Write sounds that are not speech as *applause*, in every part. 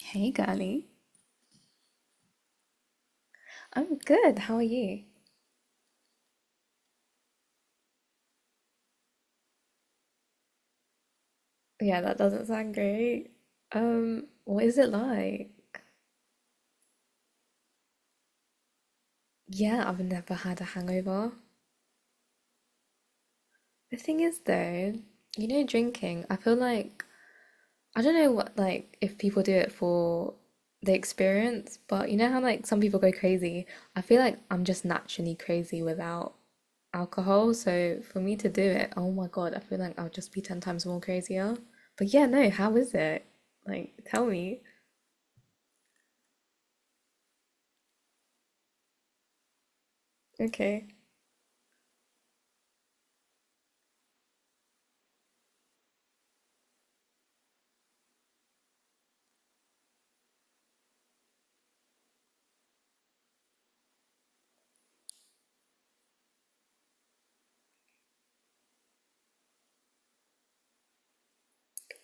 Hey, girly. I'm good. How are you? Yeah, that doesn't sound great. What is it like? Yeah, I've never had a hangover. The thing is, though, you know, drinking, I feel like I don't know what like if people do it for the experience, but you know how like some people go crazy. I feel like I'm just naturally crazy without alcohol, so for me to do it, oh my God, I feel like I'll just be 10 times more crazier. But yeah, no, how is it? Like, tell me. Okay.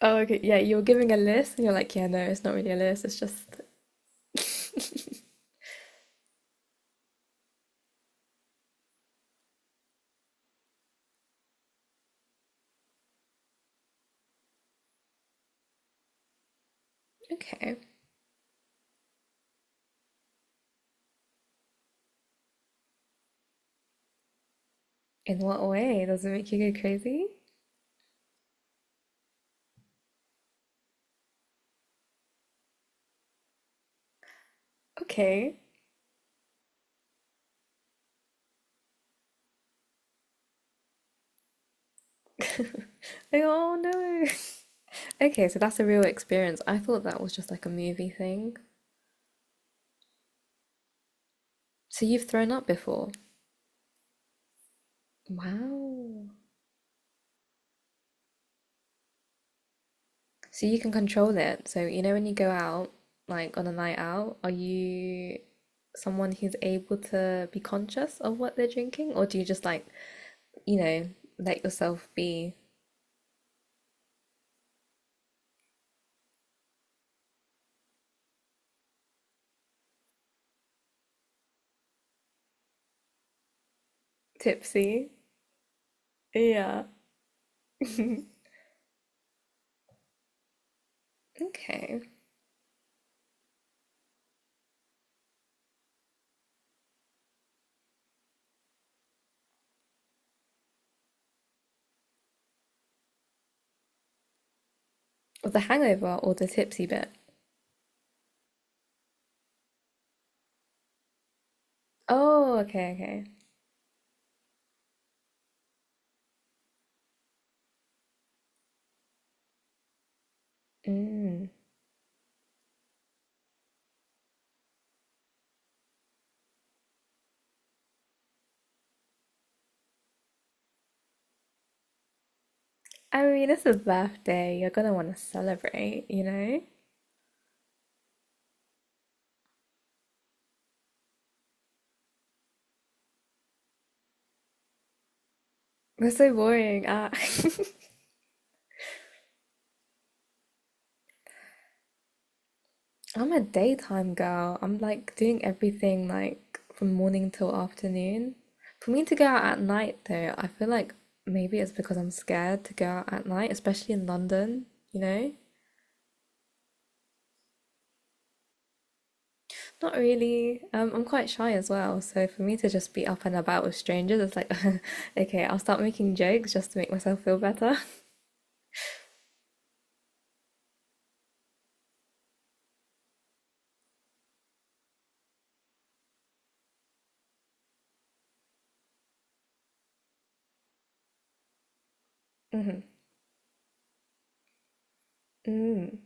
Oh, okay. Yeah, you were giving a list and you're like, yeah, no, it's not really a list. It's just, *laughs* okay. In what way? Does it make you go crazy? Okay. *laughs* Like, oh no. *laughs* Okay, so that's a real experience. I thought that was just like a movie thing. So you've thrown up before. Wow. So you can control it. So you know when you go out, like on a night out, are you someone who's able to be conscious of what they're drinking, or do you just like, you know, let yourself be? Tipsy. Yeah. Okay. Or the hangover or the tipsy bit. Oh, okay, okay. Mm. I mean, it's a birthday. You're gonna want to celebrate, you know? That's so boring. *laughs* I'm a daytime girl. I'm like doing everything like from morning till afternoon. For me to go out at night, though, I feel like maybe it's because I'm scared to go out at night, especially in London, you know? Not really. I'm quite shy as well. So for me to just be up and about with strangers, it's like, *laughs* okay, I'll start making jokes just to make myself feel better. *laughs* Mm.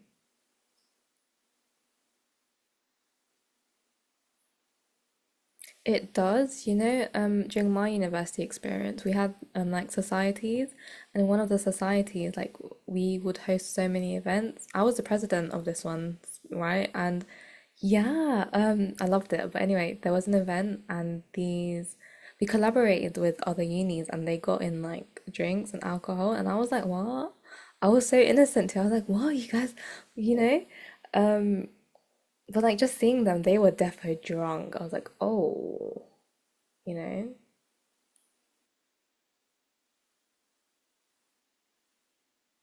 It does, you know, during my university experience, we had like societies, and in one of the societies, like we would host so many events. I was the president of this one, right? And yeah, I loved it. But anyway, there was an event, and these we collaborated with other unis, and they got in like drinks and alcohol, and I was like, what? I was so innocent too. I was like, what, you guys, you know? Um, but like just seeing them, they were defo drunk. I was like, oh you know?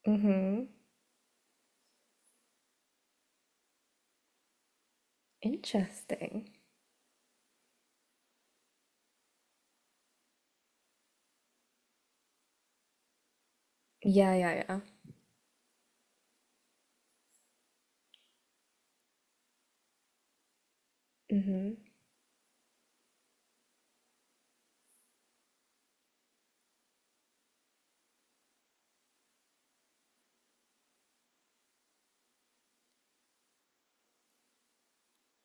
Mm-hmm. Interesting. Yeah, yeah, yeah. Mm-hmm.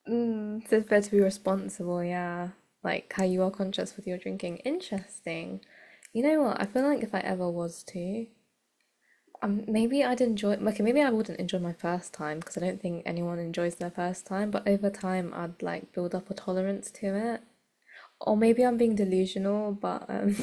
Mm, so it's better to be responsible, yeah. Like how you are conscious with your drinking. Interesting. You know what? I feel like if I ever was to, maybe I'd enjoy. Okay, maybe I wouldn't enjoy my first time because I don't think anyone enjoys their first time. But over time, I'd like build up a tolerance to it. Or maybe I'm being delusional, but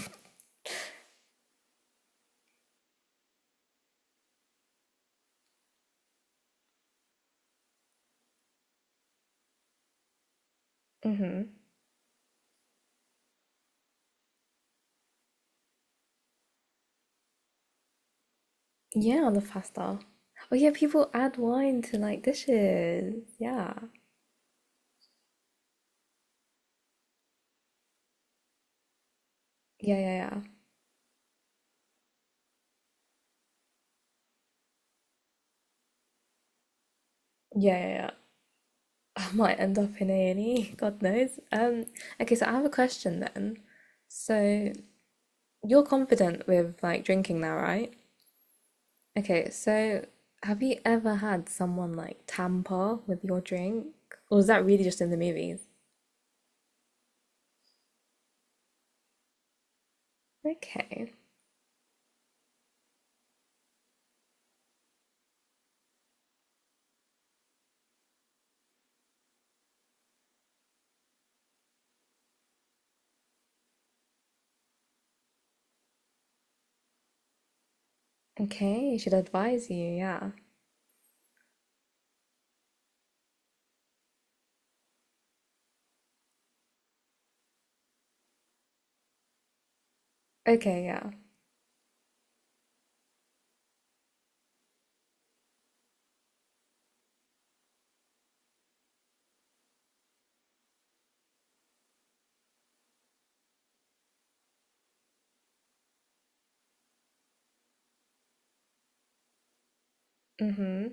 *laughs* yeah, on the faster. Oh yeah, people add wine to like dishes. Yeah. Yeah, yeah, yeah. Yeah, yeah, yeah. *laughs* I might end up in A&E, God knows. Okay, so I have a question then. So you're confident with like drinking now, right? Okay, so have you ever had someone like tamper with your drink? Or is that really just in the movies? Okay. Okay, should advise you, yeah. Okay, yeah. Mm-hmm.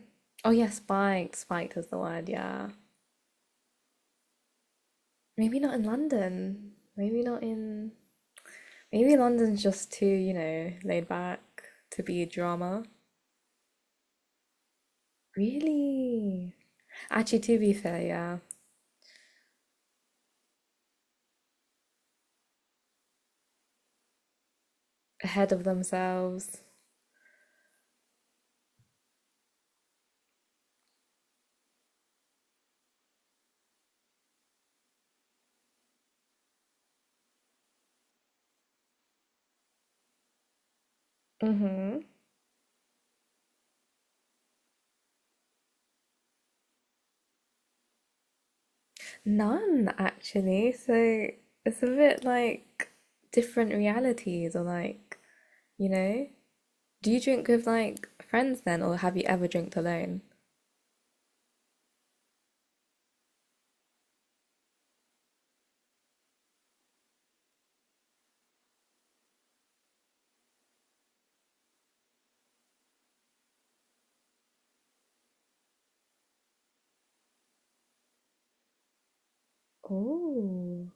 Oh yeah, spiked. Spiked is the word, yeah. Maybe not in London. Maybe not in Maybe London's just too, you know, laid back to be a drama. Really? Actually, to be fair, yeah. Ahead of themselves. Mm-hmm. None, actually. So it's a bit like different realities, or like, you know? Do you drink with like friends then, or have you ever drank alone? Oh,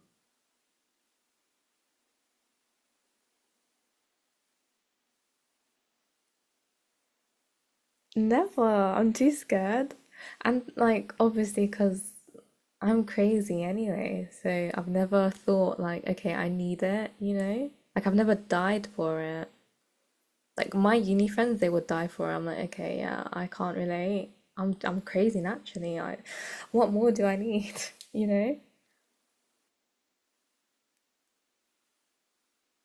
never. I'm too scared. And like, obviously, because I'm crazy anyway, so I've never thought like, okay, I need it, you know? Like I've never died for it. Like my uni friends, they would die for it. I'm like, okay, yeah, I can't relate. I'm crazy naturally. I, what more do I need? *laughs* You know?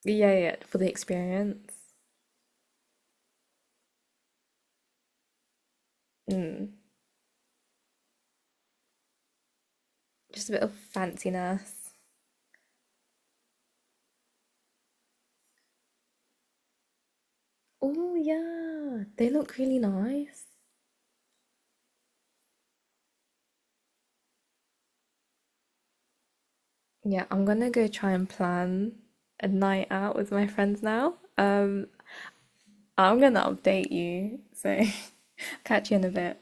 But yeah, yeah, for the experience. Just a bit of fanciness. Oh yeah, they look really nice. Yeah, I'm gonna go try and plan a night out with my friends now. I'm gonna update you, so *laughs* catch you in a bit.